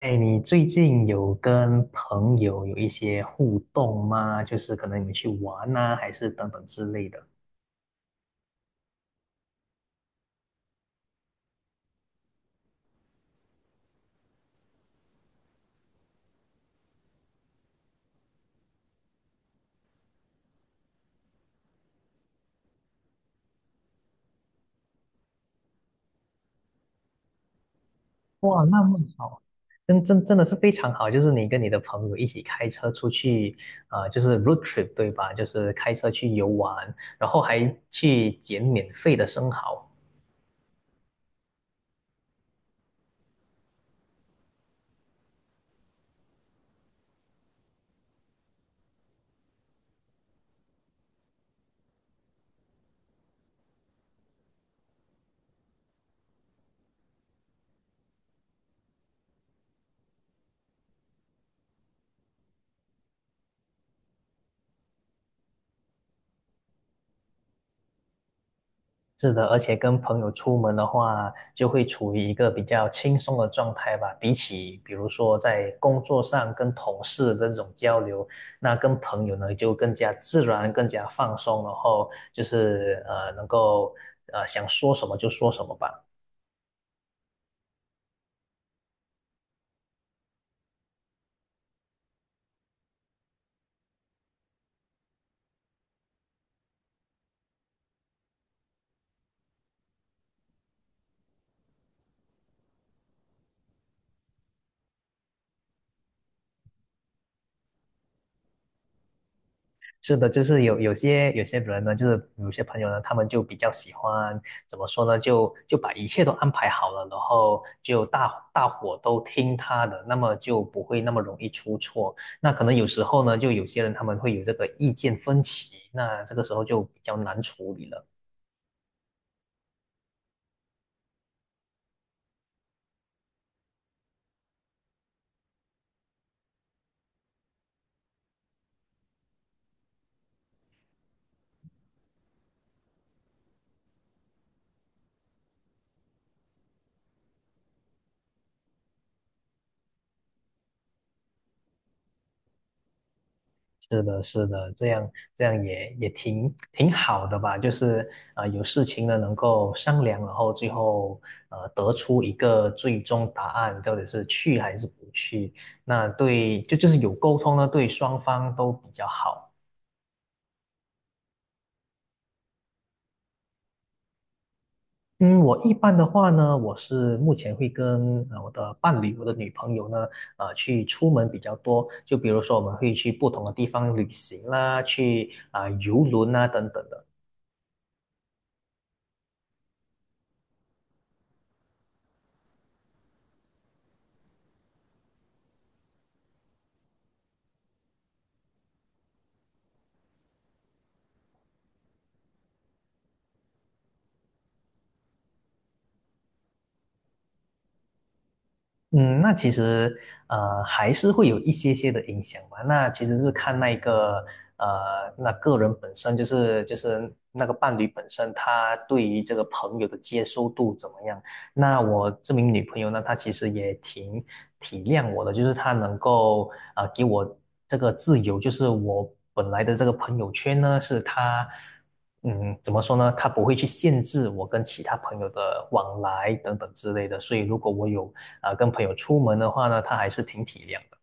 哎，你最近有跟朋友有一些互动吗？就是可能你们去玩呐、还是等等之类的。哇，那么好，真的是非常好，就是你跟你的朋友一起开车出去，就是 road trip 对吧？就是开车去游玩，然后还去捡免费的生蚝。是的，而且跟朋友出门的话，就会处于一个比较轻松的状态吧。比起比如说在工作上跟同事的这种交流，那跟朋友呢就更加自然、更加放松，然后就是能够想说什么就说什么吧。是的，就是有些人呢，就是有些朋友呢，他们就比较喜欢怎么说呢，就把一切都安排好了，然后就大伙都听他的，那么就不会那么容易出错。那可能有时候呢，就有些人他们会有这个意见分歧，那这个时候就比较难处理了。是的，是的，这样也挺好的吧，就是有事情呢能够商量，然后最后得出一个最终答案，到底是去还是不去。那对，就是有沟通呢，对双方都比较好。嗯，我一般的话呢，我是目前会跟我的伴侣、我的女朋友呢，去出门比较多。就比如说，我们会去不同的地方旅行啦，去啊、游轮啊等等的。嗯，那其实还是会有一些些的影响吧。那其实是看那一个那个人本身，就是那个伴侣本身，他对于这个朋友的接受度怎么样。那我这名女朋友呢，她其实也挺体谅我的，就是她能够给我这个自由，就是我本来的这个朋友圈呢，是她。嗯，怎么说呢？她不会去限制我跟其他朋友的往来等等之类的，所以如果我有跟朋友出门的话呢，他还是挺体谅的。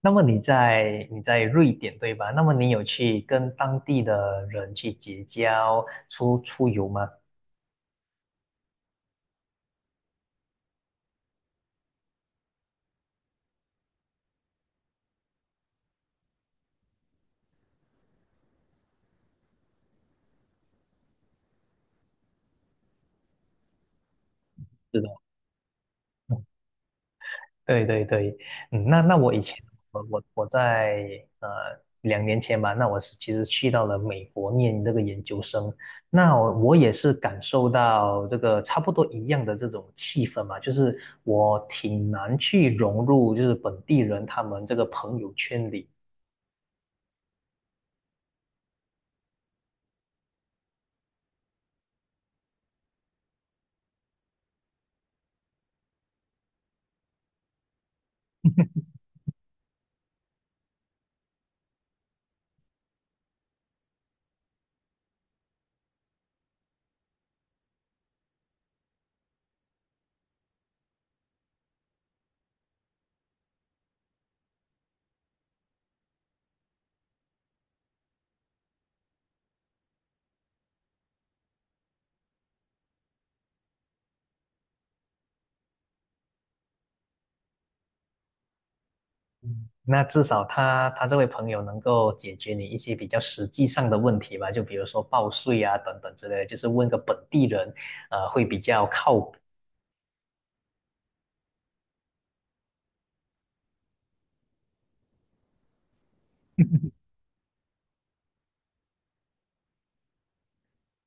那么你在瑞典对吧？那么你有去跟当地的人去结交、出出游吗？是的，嗯，对对对，嗯，那那我以前我在呃2年前吧，那我是其实去到了美国念这个研究生，那我也是感受到这个差不多一样的这种气氛嘛，就是我挺难去融入就是本地人他们这个朋友圈里。那至少他这位朋友能够解决你一些比较实际上的问题吧，就比如说报税啊等等之类的就是问个本地人，会比较靠谱。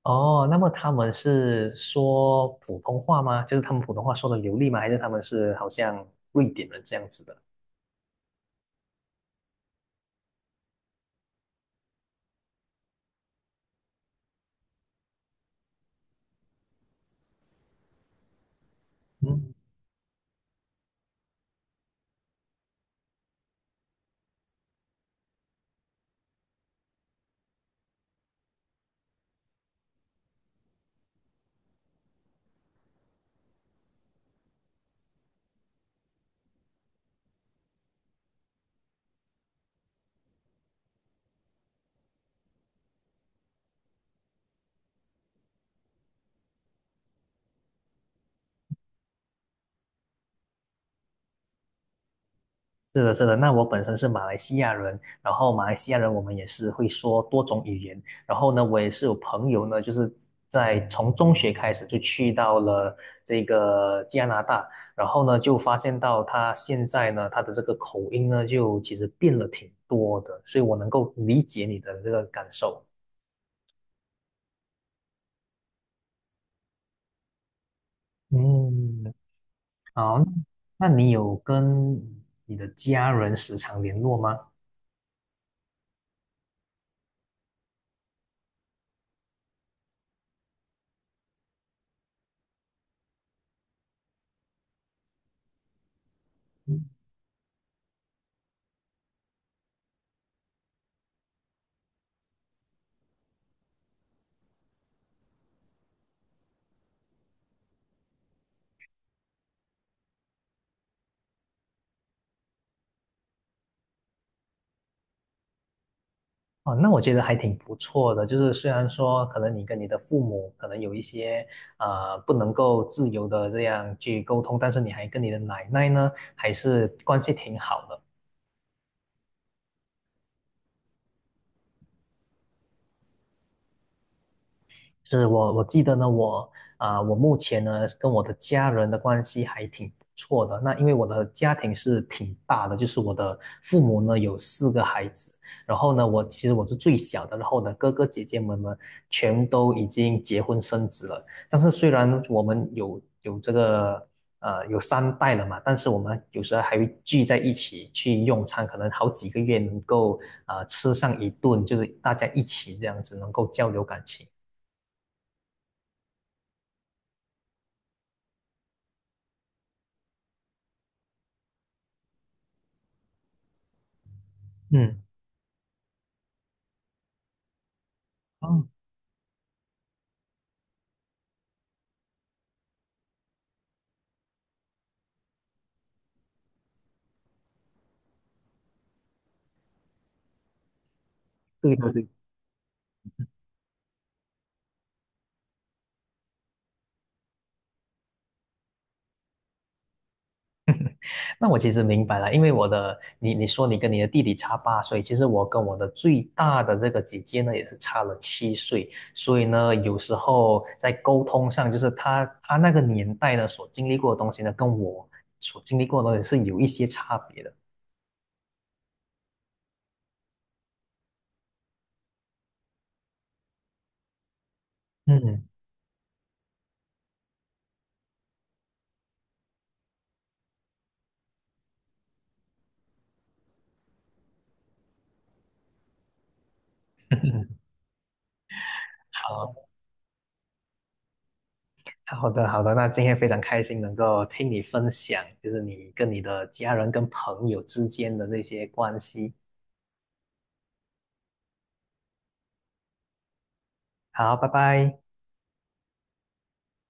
哦，那么他们是说普通话吗？就是他们普通话说的流利吗？还是他们是好像瑞典人这样子的？嗯。是的，是的。那我本身是马来西亚人，然后马来西亚人我们也是会说多种语言。然后呢，我也是有朋友呢，就是在从中学开始就去到了这个加拿大，然后呢就发现到他现在呢他的这个口音呢就其实变了挺多的，所以我能够理解你的这个感受。嗯，好，那你有跟你的家人时常联络吗？哦，那我觉得还挺不错的。就是虽然说可能你跟你的父母可能有一些不能够自由的这样去沟通，但是你还跟你的奶奶呢还是关系挺好的。是我记得呢，我我目前呢跟我的家人的关系还挺不错的。那因为我的家庭是挺大的，就是我的父母呢有四个孩子，然后呢我其实我是最小的，然后我的哥哥姐姐们呢全都已经结婚生子了。但是虽然我们有这个有三代了嘛，但是我们有时候还会聚在一起去用餐，可能好几个月能够吃上一顿，就是大家一起这样子能够交流感情。嗯。哦，对对对，那我其实明白了，因为我的，你说你跟你的弟弟差8岁，其实我跟我的最大的这个姐姐呢，也是差了7岁，所以呢，有时候在沟通上，就是她那个年代呢所经历过的东西呢，跟我所经历过的东西是有一些差别的。嗯，好好的好的，那今天非常开心能够听你分享，就是你跟你的家人跟朋友之间的那些关系。好，拜拜。